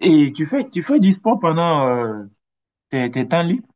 Et tu fais du sport pendant tes temps libres?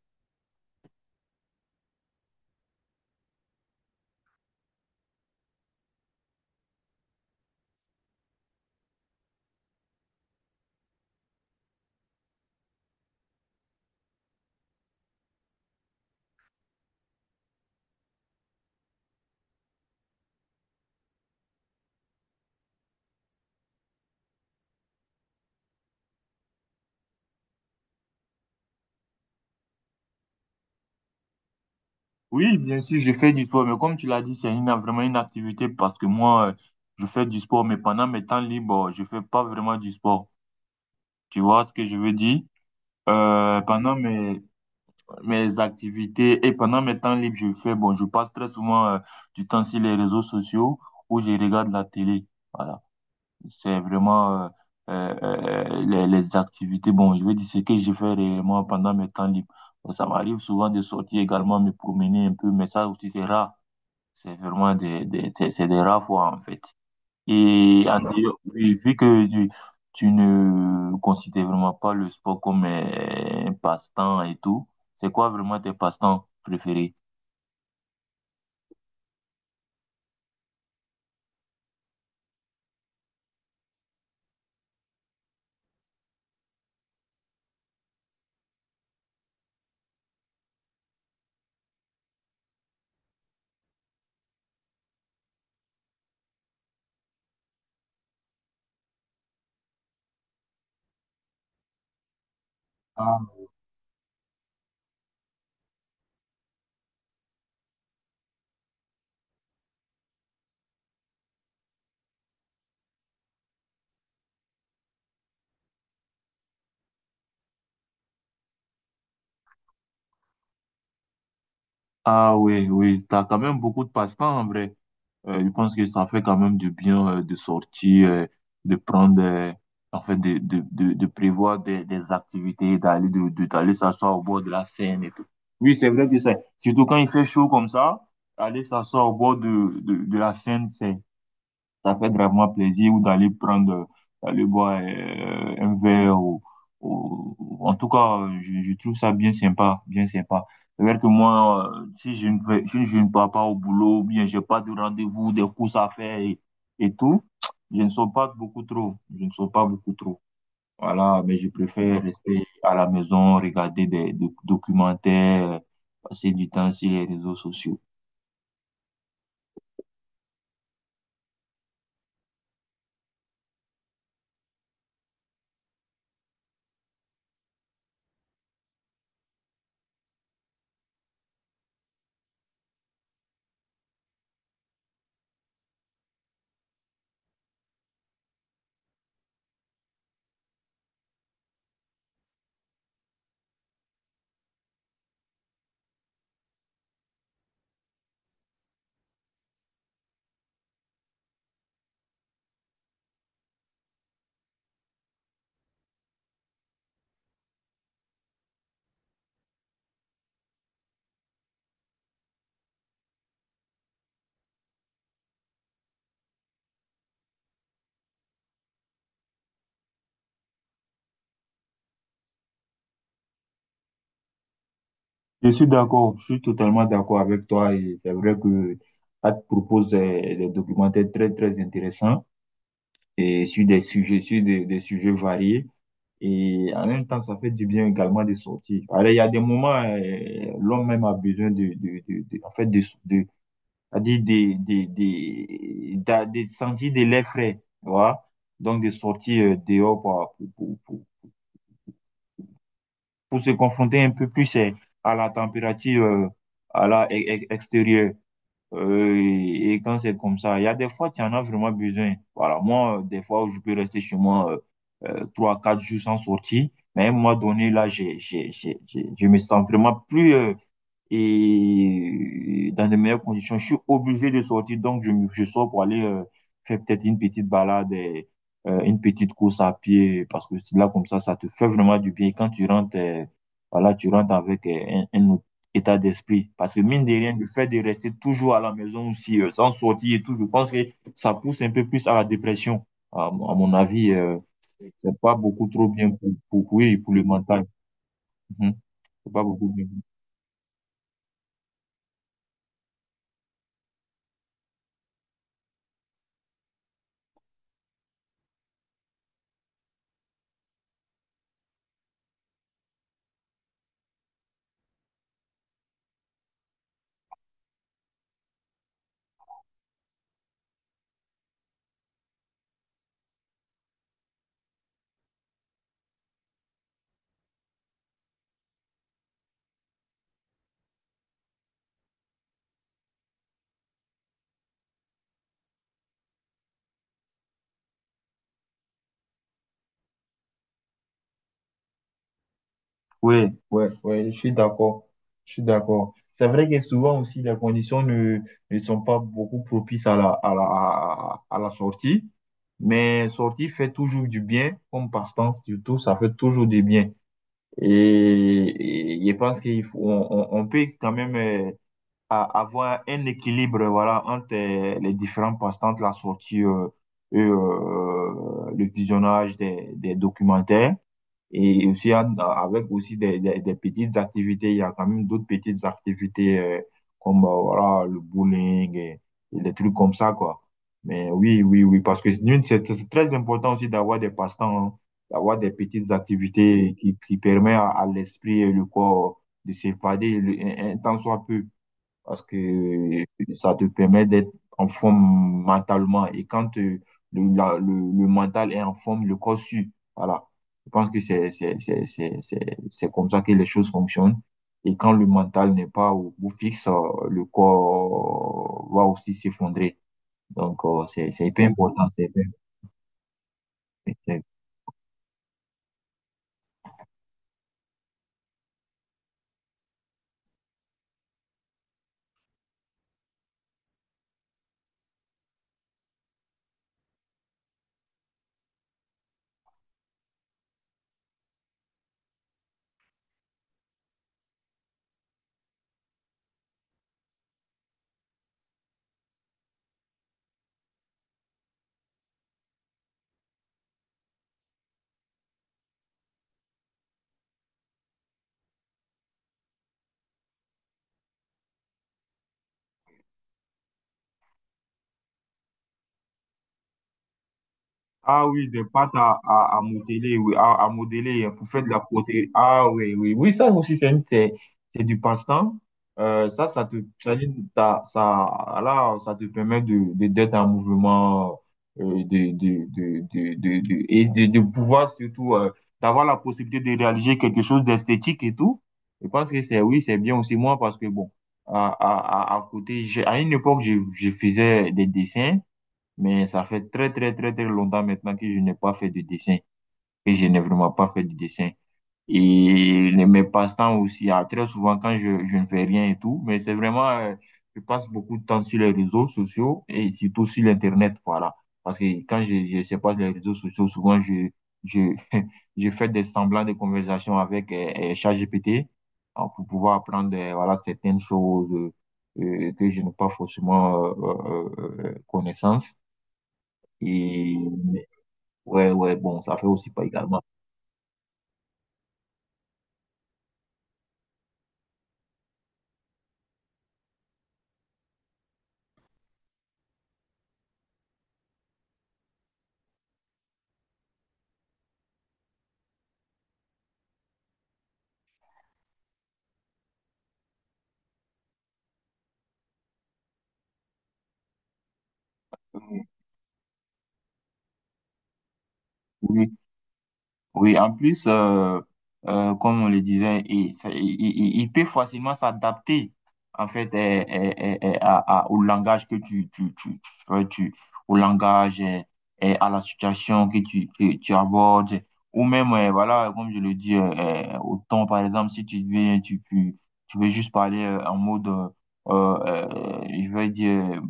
Oui, bien sûr, je fais du sport, mais comme tu l'as dit, vraiment une activité parce que moi, je fais du sport, mais pendant mes temps libres, oh, je fais pas vraiment du sport. Tu vois ce que je veux dire? Pendant mes activités et pendant mes temps libres, je fais, bon, je passe très souvent, du temps sur les réseaux sociaux où je regarde la télé. Voilà. C'est vraiment les activités. Bon, je veux dire ce que je fais réellement pendant mes temps libres. Bon, ça m'arrive souvent de sortir également, me promener un peu, mais ça aussi c'est rare. C'est vraiment c'est des rares fois en fait. Oui, vu que tu ne considères vraiment pas le sport comme un passe-temps et tout, c'est quoi vraiment tes passe-temps préférés? Ah. Ah oui, oui, t'as quand même beaucoup de passe-temps en vrai. Je pense que ça fait quand même du bien de sortir, de prendre, en fait, de prévoir des activités, d'aller s'asseoir au bord de la Seine et tout. Oui, c'est vrai que c'est, surtout quand il fait chaud comme ça, aller s'asseoir au bord de la Seine, c'est, ça fait gravement plaisir ou d'aller prendre, d'aller boire un verre ou- en tout cas, je trouve ça bien sympa, bien sympa. C'est vrai que moi, si je ne pars pas au boulot, ou bien j'ai pas de rendez-vous, des courses à faire et tout, je ne sors pas beaucoup trop. Voilà, mais je préfère rester à la maison, regarder des documentaires, passer du temps sur les réseaux sociaux. Je suis d'accord, je suis totalement d'accord avec toi, et c'est vrai que Hat propose des documentaires très très intéressants et sur des sujets, sur des sujets variés, et en même temps ça fait du bien également de sortir. Alors il y a des moments, l'homme même a besoin de- en fait de, c'est-à-dire des, d'a- des, sentir de l'air frais, tu vois. Donc de sortir dehors pour se confronter un peu plus à la température à la extérieure. Et quand c'est comme ça, il y a des fois, tu en as vraiment besoin. Voilà, moi, des fois où je peux rester chez moi trois, quatre jours sans sortir, mais à un moment donné, là, je me sens vraiment plus et dans de meilleures conditions. Je suis obligé de sortir, donc je sors pour aller faire peut-être une petite balade, une petite course à pied, parce que là, comme ça te fait vraiment du bien. Et quand tu rentres, voilà, tu rentres avec un état d'esprit. Parce que mine de rien, le fait de rester toujours à la maison aussi, sans sortir et tout, je pense que ça pousse un peu plus à la dépression. À mon avis, c'est pas beaucoup trop bien oui, pour le mental. Mhm. C'est pas beaucoup bien. Oui, oui, oui, je suis d'accord. Je suis d'accord. C'est vrai que souvent aussi, les conditions ne, ne sont pas beaucoup propices à à la sortie. Mais sortie fait toujours du bien, comme passe-temps, surtout, ça fait toujours du bien. Et je pense qu'il faut, on peut quand même avoir un équilibre, voilà, entre les différents passe-temps, de la sortie et le visionnage des documentaires. Et aussi, à- Avec aussi des petites activités, il y a quand même d'autres petites activités comme voilà, le bowling et des trucs comme ça, quoi. Mais oui, oui, oui, parce que nous, c'est très important aussi d'avoir des passe-temps, hein, d'avoir des petites activités qui permettent à l'esprit et le corps de s'évader un temps soit peu, parce que ça te permet d'être en forme mentalement. Et quand le mental est en forme, le corps suit. Voilà. Je pense que c'est comme ça que les choses fonctionnent. Et quand le mental n'est pas au bout fixe, le corps va aussi s'effondrer. Donc, c'est hyper important. C'est hyper, c'est Ah oui, des pâtes à modeler, oui, à modeler hein, pour faire de la protéine. Ah oui, oui, oui, ça aussi, c'est du passe-temps. Ça te, ça, dit- t'as- ça, là, ça te permet d'être en mouvement, de- et de, de pouvoir surtout, d'avoir la possibilité de réaliser quelque chose d'esthétique et tout. Je pense que c'est, oui, c'est bien aussi moi parce que bon, à côté, à une époque, je faisais des dessins. Mais ça fait très longtemps maintenant que je n'ai pas fait de dessin, que je n'ai vraiment pas fait de dessin. Mes passe-temps aussi, ah, très souvent quand je ne fais rien et tout, mais c'est vraiment, je passe beaucoup de temps sur les réseaux sociaux et surtout sur l'Internet, voilà. Parce que quand je sais pas les réseaux sociaux, souvent je, je fais des semblants de conversation avec ChatGPT pour pouvoir apprendre, voilà, certaines choses que je n'ai pas forcément connaissance. Et ouais, ouais, bon, ça fait aussi pas également. Oui, oui. En plus, comme on le disait, il, ça- il peut facilement s'adapter en fait, au langage que ouais, au langage, à la situation que tu abordes, ou même voilà, comme je le dis, au ton par exemple, si tu viens tu veux juste parler en mode, je vais dire.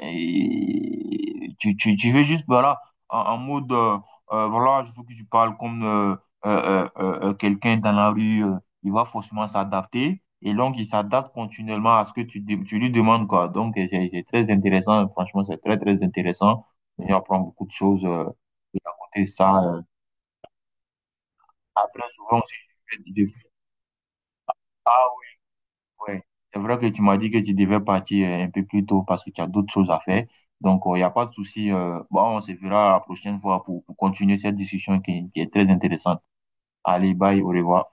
Et tu veux juste, voilà, en mode, voilà, je veux que tu parles comme quelqu'un dans la rue, il va forcément s'adapter. Et donc, il s'adapte continuellement à ce que tu lui demandes, quoi. Donc, c'est très intéressant. Franchement, c'est très, très intéressant. On apprend beaucoup de choses et à côté de ça. Après, souvent aussi, je fais je fais- ah, ouais. C'est vrai que tu m'as dit que tu devais partir un peu plus tôt parce que tu as d'autres choses à faire. Donc, il n'y a pas de souci. Bon, on se verra la prochaine fois pour continuer cette discussion qui est très intéressante. Allez, bye, au revoir.